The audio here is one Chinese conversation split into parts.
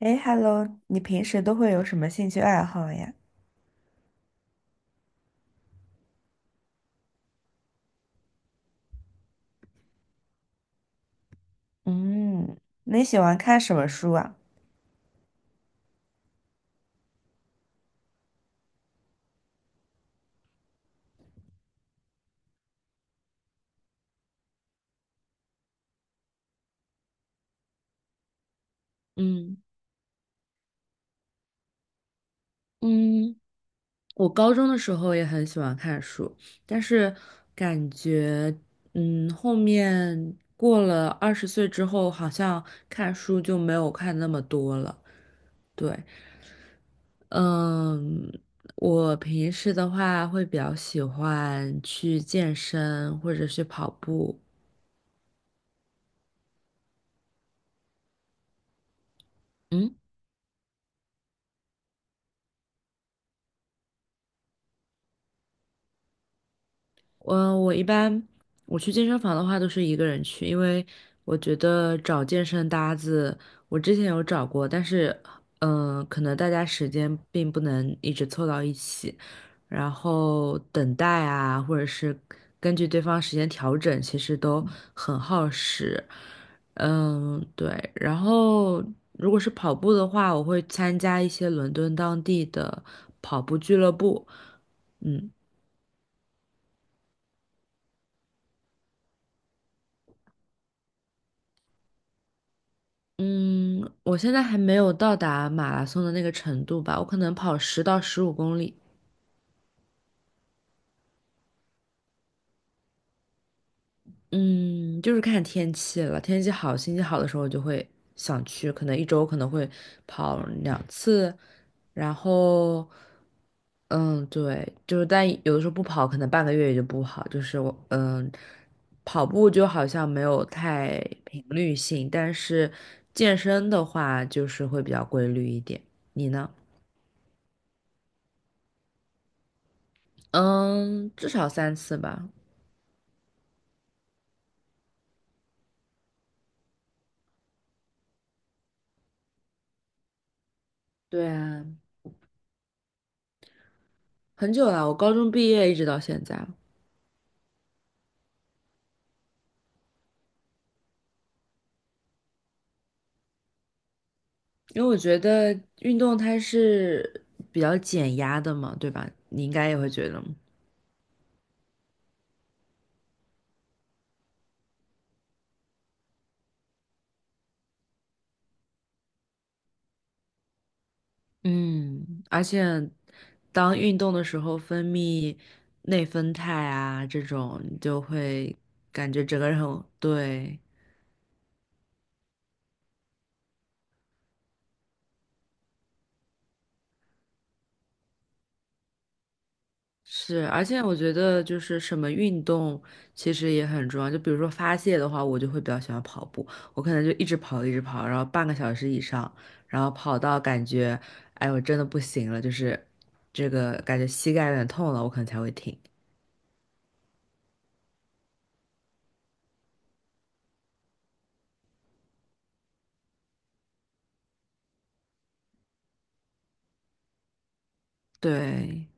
哎，Hello，你平时都会有什么兴趣爱好呀？嗯，那你喜欢看什么书啊？嗯嗯，我高中的时候也很喜欢看书，但是感觉，后面过了20岁之后，好像看书就没有看那么多了。对，嗯，我平时的话会比较喜欢去健身或者去跑步。嗯。嗯，我一般我去健身房的话都是一个人去，因为我觉得找健身搭子，我之前有找过，但是可能大家时间并不能一直凑到一起，然后等待啊，或者是根据对方时间调整，其实都很耗时。嗯，对。然后如果是跑步的话，我会参加一些伦敦当地的跑步俱乐部。嗯。嗯，我现在还没有到达马拉松的那个程度吧，我可能跑10到15公里。嗯，就是看天气了，天气好、心情好的时候，我就会想去，可能一周可能会跑2次，然后，嗯，对，就是但有的时候不跑，可能半个月也就不好。就是我，跑步就好像没有太频率性，但是健身的话就是会比较规律一点。你呢？嗯，至少3次吧。对啊，很久了，我高中毕业一直到现在，因为我觉得运动它是比较减压的嘛，对吧？你应该也会觉得，嗯，而且当运动的时候分泌内啡肽啊，这种你就会感觉整个人很，对，是，而且我觉得就是什么运动其实也很重要。就比如说发泄的话，我就会比较喜欢跑步，我可能就一直跑，一直跑，然后半个小时以上，然后跑到感觉，哎，我真的不行了，就是这个感觉膝盖有点痛了，我可能才会停。对，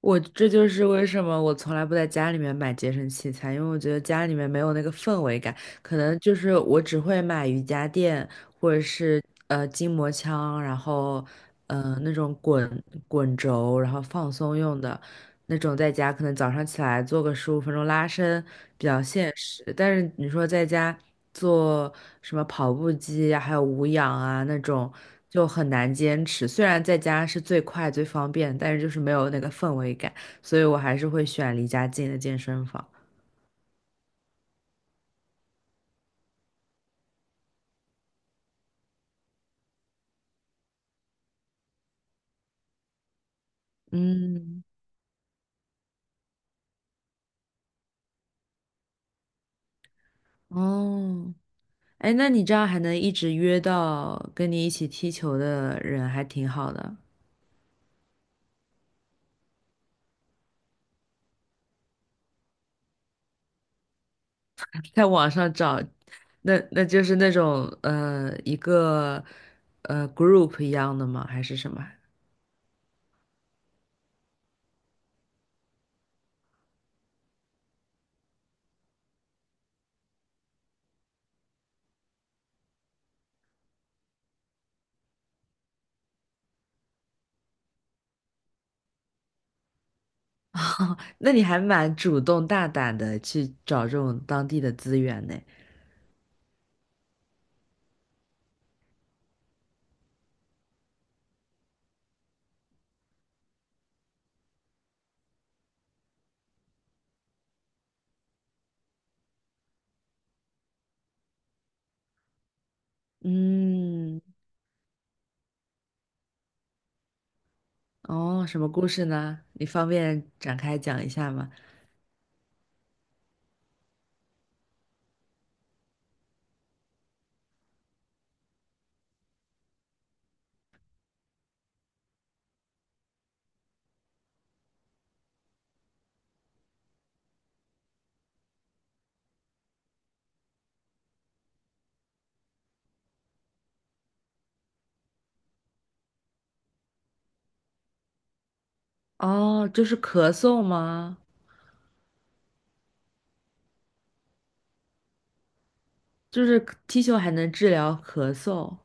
我这就是为什么我从来不在家里面买健身器材，因为我觉得家里面没有那个氛围感，可能就是我只会买瑜伽垫或者是筋膜枪，然后那种滚轴，然后放松用的。那种在家可能早上起来做个15分钟拉伸比较现实，但是你说在家做什么跑步机呀，还有无氧啊那种就很难坚持。虽然在家是最快最方便，但是就是没有那个氛围感，所以我还是会选离家近的健身房。嗯，哦，哎，那你这样还能一直约到跟你一起踢球的人，还挺好的。在网上找，那就是那种一个group 一样的吗？还是什么？哦，那你还蛮主动大胆的去找这种当地的资源呢。嗯，哦，什么故事呢？你方便展开讲一下吗？哦，就是咳嗽吗？就是踢球还能治疗咳嗽？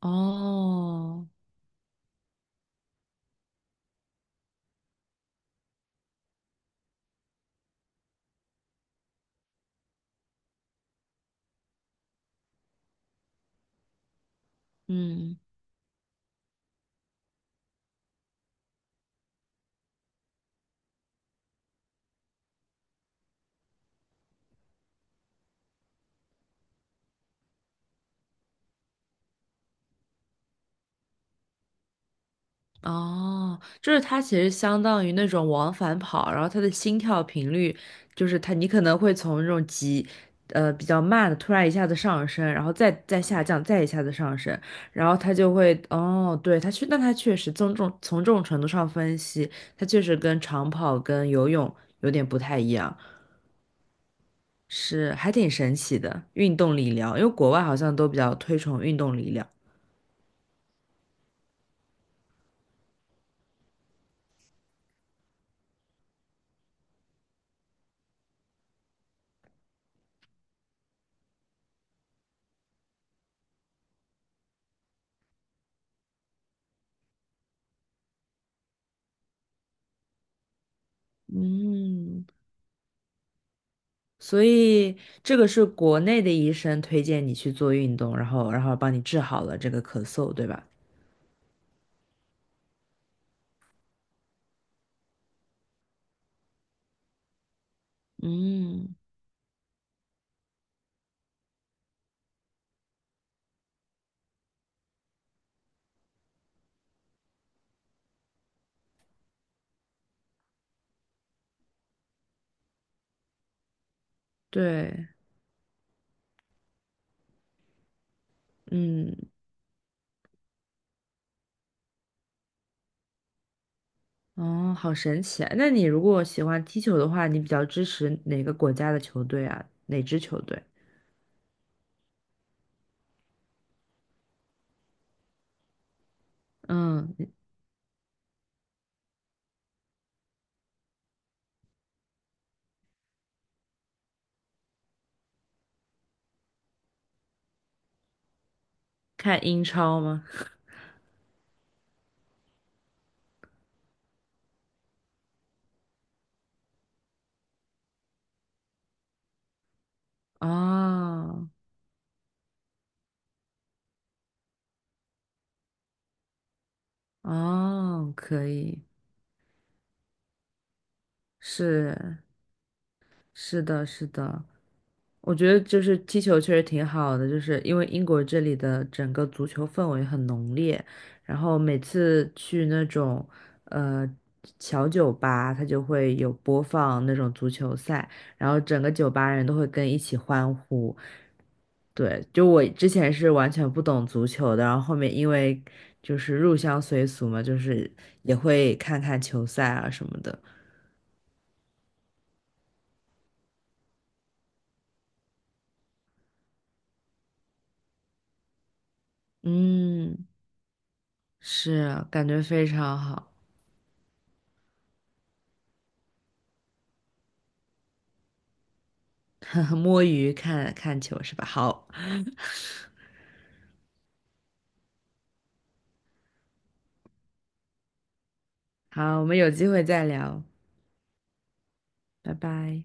哦，嗯。哦，就是它其实相当于那种往返跑，然后它的心跳频率就是它，你可能会从那种急，比较慢的突然一下子上升，然后再下降，再一下子上升，然后它就会，哦，对，但它确实从这种程度上分析，它确实跟长跑跟游泳有点不太一样，是还挺神奇的运动理疗，因为国外好像都比较推崇运动理疗。嗯，所以这个是国内的医生推荐你去做运动，然后帮你治好了这个咳嗽，对吧？嗯，对，嗯，哦，好神奇啊！那你如果喜欢踢球的话，你比较支持哪个国家的球队啊？哪支球队？嗯，你看英超吗？哦，哦，可以，是，是的，是的。我觉得就是踢球确实挺好的，就是因为英国这里的整个足球氛围很浓烈，然后每次去那种呃小酒吧，它就会有播放那种足球赛，然后整个酒吧人都会跟一起欢呼。对，就我之前是完全不懂足球的，然后后面因为就是入乡随俗嘛，就是也会看看球赛啊什么的。嗯，是，感觉非常好。摸鱼看看球是吧？好，好，我们有机会再聊，拜拜。